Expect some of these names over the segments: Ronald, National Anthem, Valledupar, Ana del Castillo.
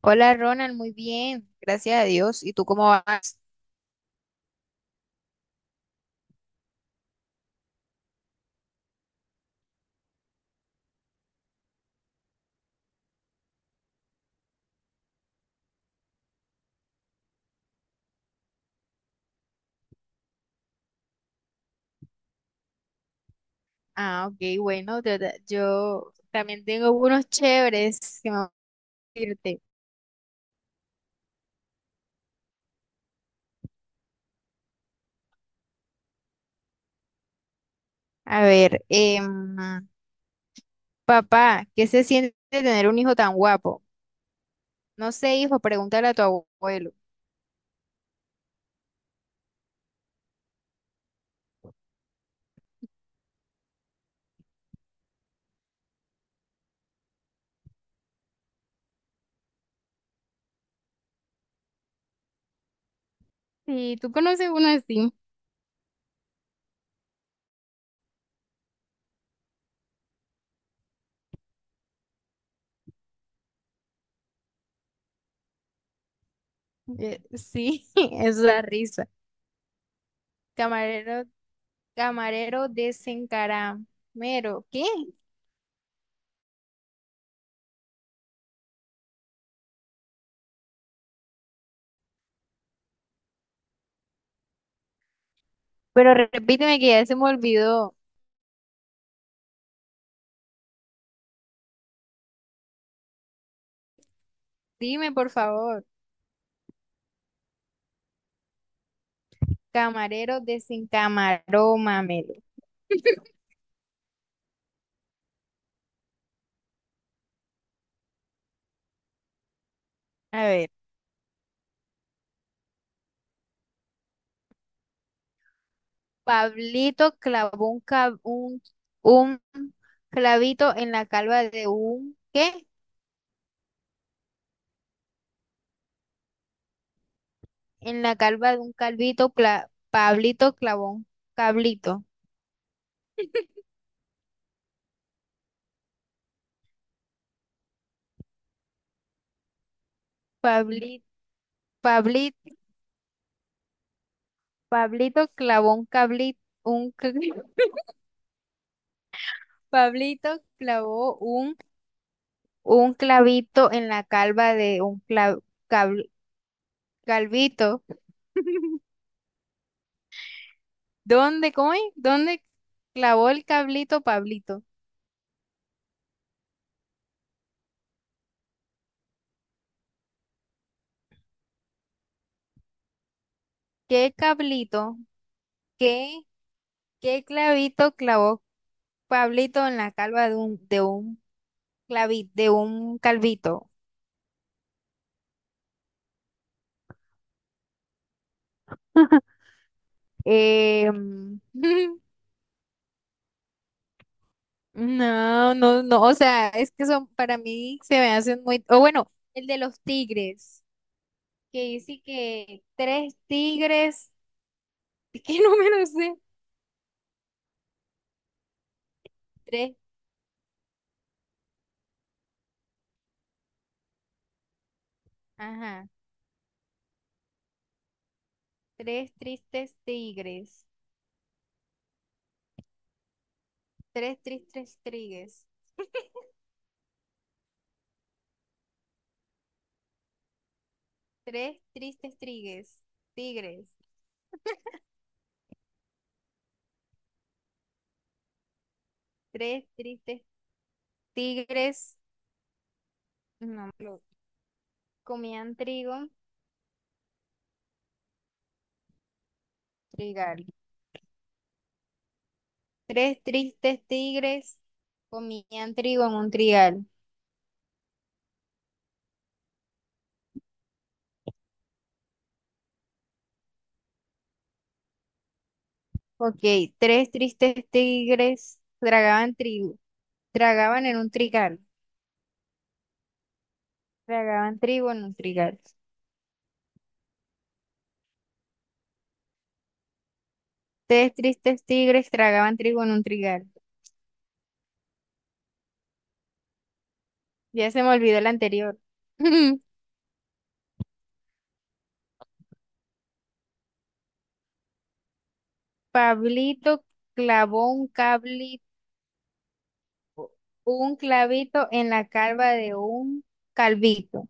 Hola Ronald, muy bien, gracias a Dios. ¿Y tú cómo vas? Ok, bueno, yo también tengo unos chéveres que me van a decirte. A ver, papá, ¿qué se siente tener un hijo tan guapo? No sé, hijo, pregúntale a tu abuelo. Sí, tú conoces uno así. Sí, es la risa. Camarero, camarero desencaramero. ¿Qué? Pero repíteme que ya se me olvidó. Dime, por favor. Camarero desencamaró mamelo. A ver, Pablito clavó un, ca- un clavito en la calva de un, ¿qué? En la calva de un calvito, Pablito clavó un cablito. Pablito, Pablito, Pablito clavó un cablito, Pablito clavó un, un clavito en la calva de un cabl- calvito. ¿Dónde, cómo es? ¿Dónde clavó el cablito Pablito? ¿Qué cablito? ¿Qué, ¿qué clavito clavó Pablito en la calva de un de un calvito? Eh, mm, no, no, no, o sea, para mí se me hacen muy, o bueno, el de los tigres, que dice que tres tigres, ¿qué número es ese? Tres, ajá, tres tristes tigres, tres tristes tigres. Tres tristes tigres, tigres, tres tristes tigres, no, lo- comían trigo, trigal. Tres tristes tigres comían trigo en un trigal. Ok, tres tristes tigres tragaban trigo, tragaban en un trigal, tragaban trigo en un trigal. Tres tristes tigres tragaban trigo en un trigal. Ya se me olvidó el anterior. Pablito clavó un cable un clavito en la calva de un calvito.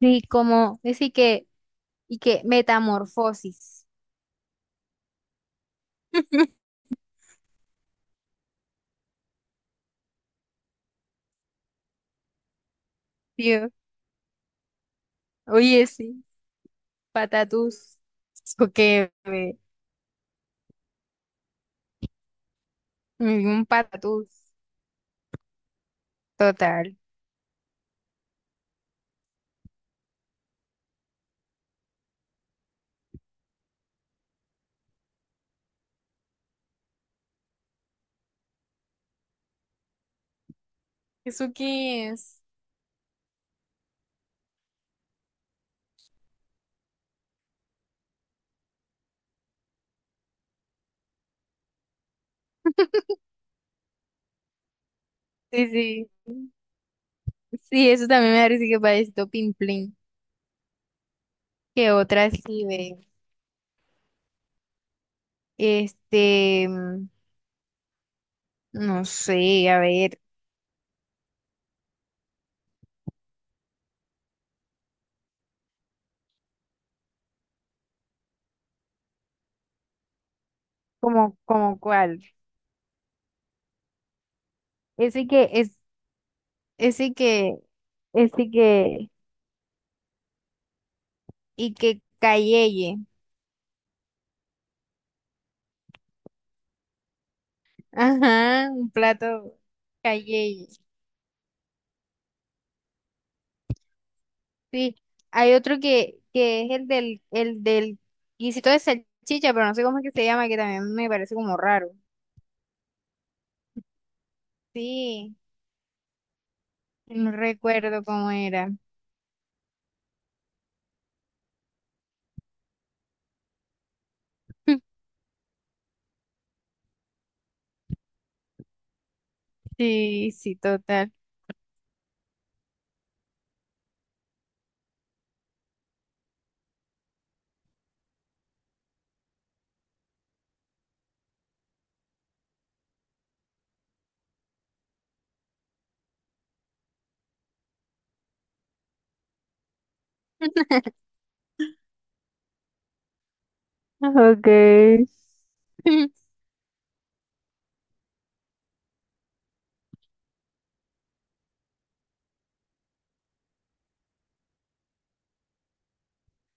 Sí, como, así que, y que metamorfosis. Dios, oye, sí, patatús. Eso que, ve, un patatús. Total. ¿Eso qué es? Sí, sí. Sí, eso también me parece que parece pimplín. Que otra sí ve. Este, no sé, a ver, como, como cuál. Ese que es, ese que, ese que. Y que cayeye. Ajá, un plato cayeye. Sí, hay otro que, el del guisito de salchicha, pero no sé cómo es que se llama, que también me parece como raro. Sí, no recuerdo cómo era. Sí, sí, total. Ok.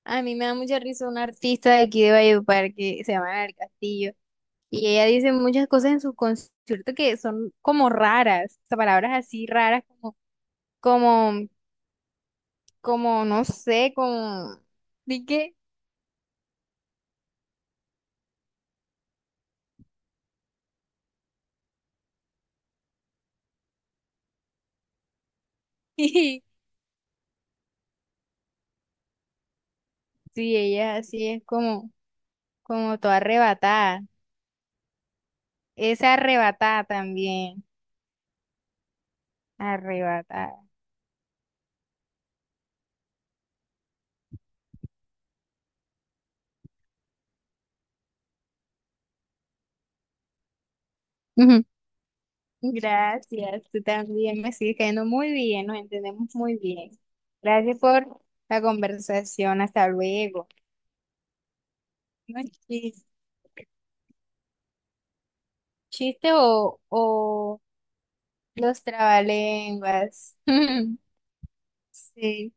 A mí me da mucha risa una artista de aquí de Valledupar que se llama Ana del Castillo, y ella dice muchas cosas en sus conciertos que son como raras, o sea, palabras así raras, como, como, no sé, como, ¿de qué? Sí, ella así es como, como toda arrebatada. Es arrebatada también, arrebatada. Ujú. Gracias, tú también me sigues cayendo muy bien, nos entendemos muy bien. Gracias por la conversación, hasta luego. No es chis- Chiste, o los trabalenguas. Sí,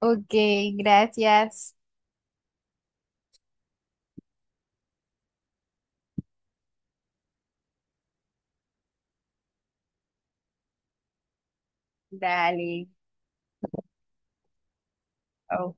ok, gracias. Dale. Chao.